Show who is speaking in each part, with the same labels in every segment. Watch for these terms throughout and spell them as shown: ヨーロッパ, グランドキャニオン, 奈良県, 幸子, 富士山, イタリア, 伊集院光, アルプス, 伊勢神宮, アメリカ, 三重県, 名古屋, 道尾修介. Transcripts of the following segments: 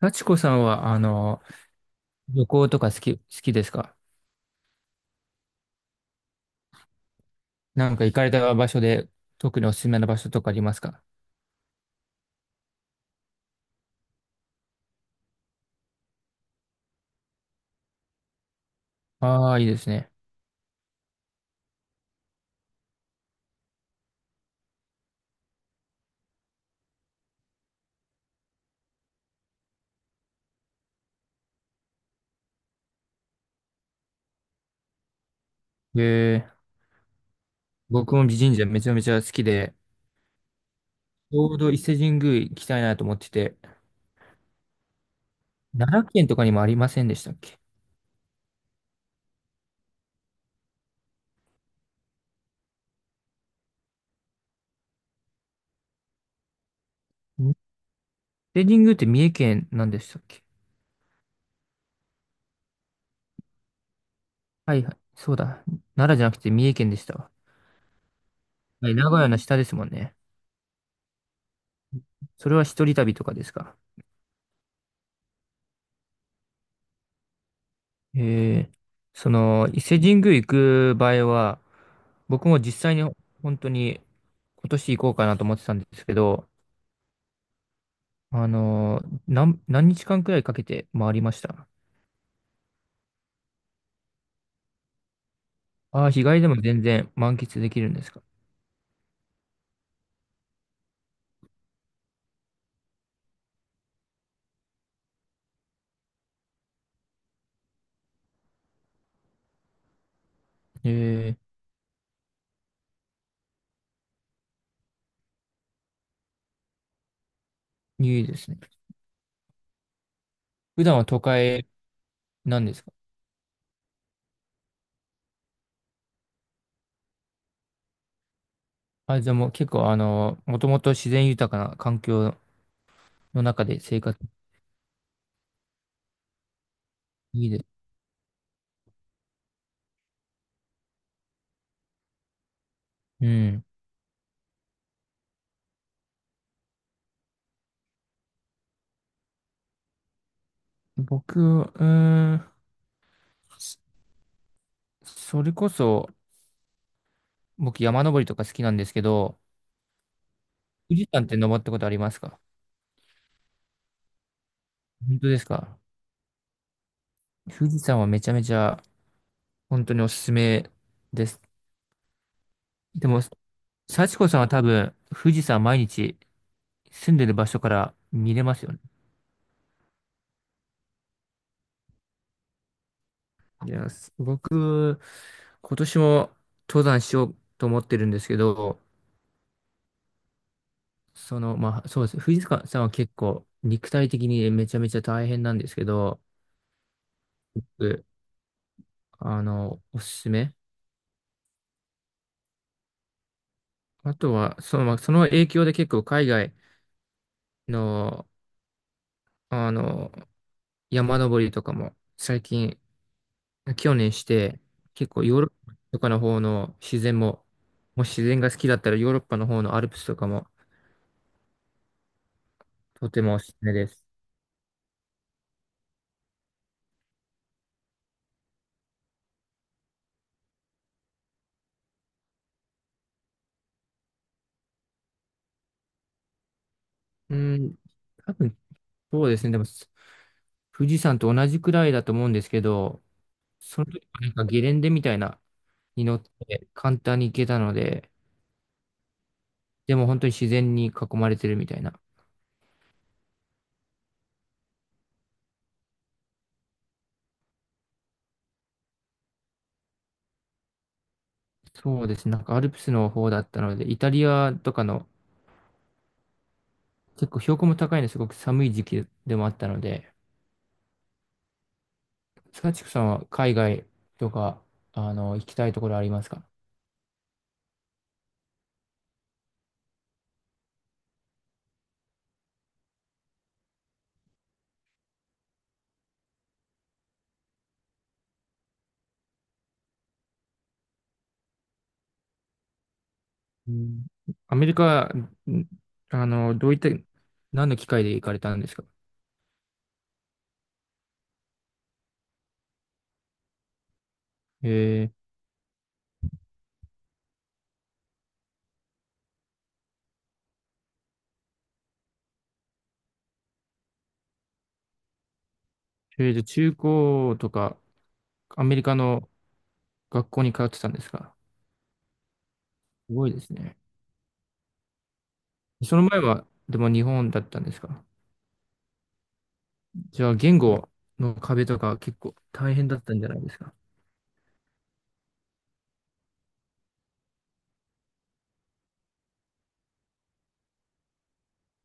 Speaker 1: 幸子さんは、旅行とか好きですか？なんか行かれた場所で、特におすすめの場所とかありますか？ああー、いいですね。えー、僕も美神社めちゃめちゃ好きで、ちょうど伊勢神宮行きたいなと思ってて、奈良県とかにもありませんでしたっけ？伊勢神宮って三重県なんでしたっけ？はいはい、そうだ。奈良じゃなくて三重県でしたわ。はい、名古屋の下ですもんね。それは一人旅とかですか？えー、その、伊勢神宮行く場合は、僕も実際に本当に今年行こうかなと思ってたんですけど、何日間くらいかけて回りました？ああー、日帰りでも全然満喫できるんですか？えー、いいですね。普段は都会なんですか？あ、じゃあもう結構もともと自然豊かな環境の中で生活いいです。うん。僕、うーん、そそれこそ、僕山登りとか好きなんですけど、富士山って登ったことありますか？本当ですか？富士山はめちゃめちゃ本当におすすめです。でも、幸子さんは多分富士山毎日住んでる場所から見れますよね。いや、僕、今年も登山しようと思ってるんですけど、その、まあ、そうです。富士山さんは結構肉体的にめちゃめちゃ大変なんですけど、僕おすすめ。あとは、その、まあその影響で結構海外の、あの、山登りとかも最近、去年して、結構ヨーロッパとかの方の自然も、もし自然が好きだったらヨーロッパの方のアルプスとかもとてもおすすめです。うん、多分そうですね。でも富士山と同じくらいだと思うんですけど、その時はなんかゲレンデみたいなに乗って簡単に行けたので、でも本当に自然に囲まれてるみたいな。そうですね。なんかアルプスの方だったので、イタリアとかの結構標高も高いのですごく寒い時期でもあったので、サチクさんは海外とか、あの、行きたいところありますか？うん、アメリカ、ん、あの、どういった、何の機会で行かれたんですか？えー、とりあえず中高とか、アメリカの学校に通ってたんですか？すごいですね。その前は、でも日本だったんですか？じゃあ、言語の壁とか結構大変だったんじゃないですか？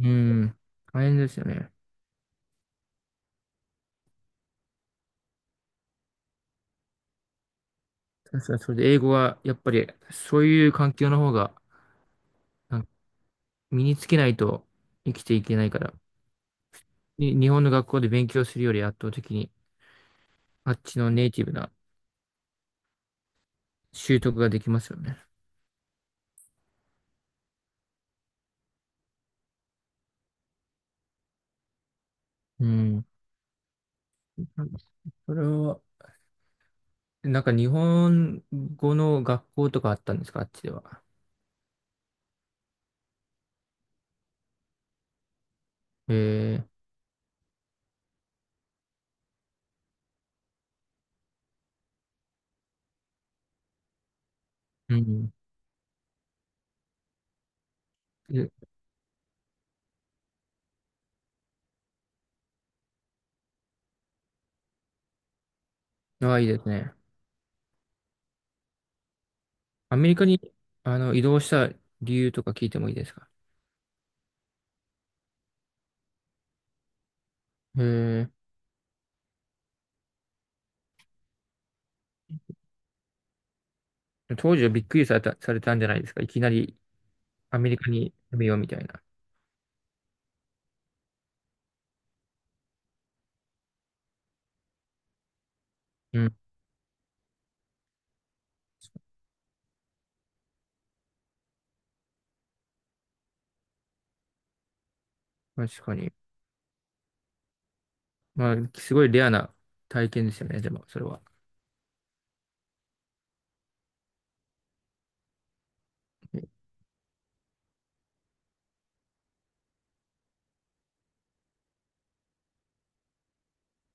Speaker 1: うん、大変ですよね。確かに、それで英語は、やっぱり、そういう環境の方が、なん身につけないと生きていけないから、に日本の学校で勉強するより圧倒的に、あっちのネイティブな習得ができますよね。うん。それは、なんか日本語の学校とかあったんですか、あっちでは。えー、うん。え、あ、いいですね。アメリカに、あの、移動した理由とか聞いてもいいですか。えー、当時はびっくりされた、されたんじゃないですか。いきなりアメリカに住めようみたいな。うん。確かに。まあ、すごいレアな体験ですよね、でも、それは。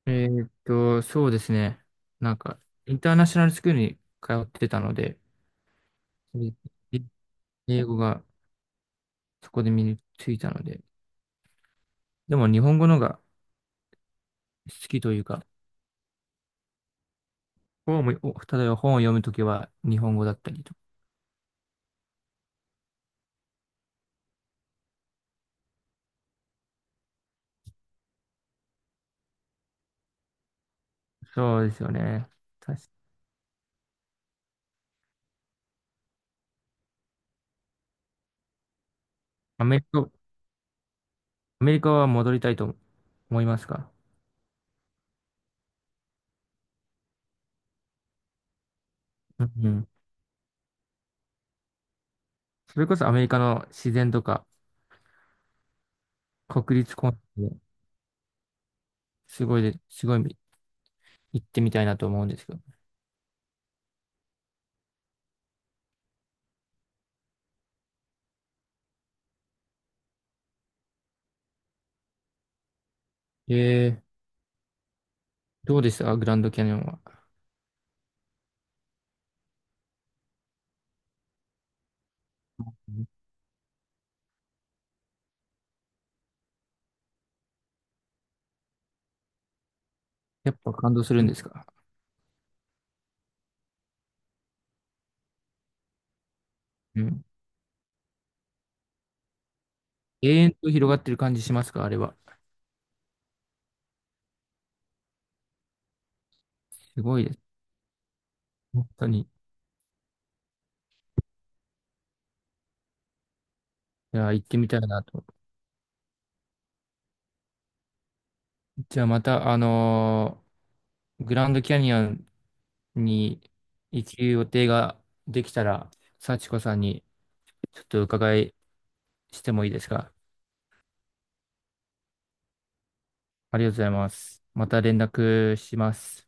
Speaker 1: えーっと、そうですね。なんか、インターナショナルスクールに通ってたので、い英語がそこで身についたので、でも日本語のが好きというか、本も、お例えば本を読むときは日本語だったりと。そうですよね。確か、アメリカ、アメリカは戻りたいと思いますか？うんうん。それこそアメリカの自然とか、国立公園、すごいすごい行ってみたいなと思うんですけど。ええ、どうでしたグランドキャニオンは。うん、やっぱ感動するんですか？うん。永遠と広がってる感じしますかあれは。すごいです。本当に。いや、行ってみたいなと。じゃあまた、あのーグランドキャニオンに行く予定ができたら、幸子さんにちょっと伺いしてもいいですか？ありがとうございます。また連絡します。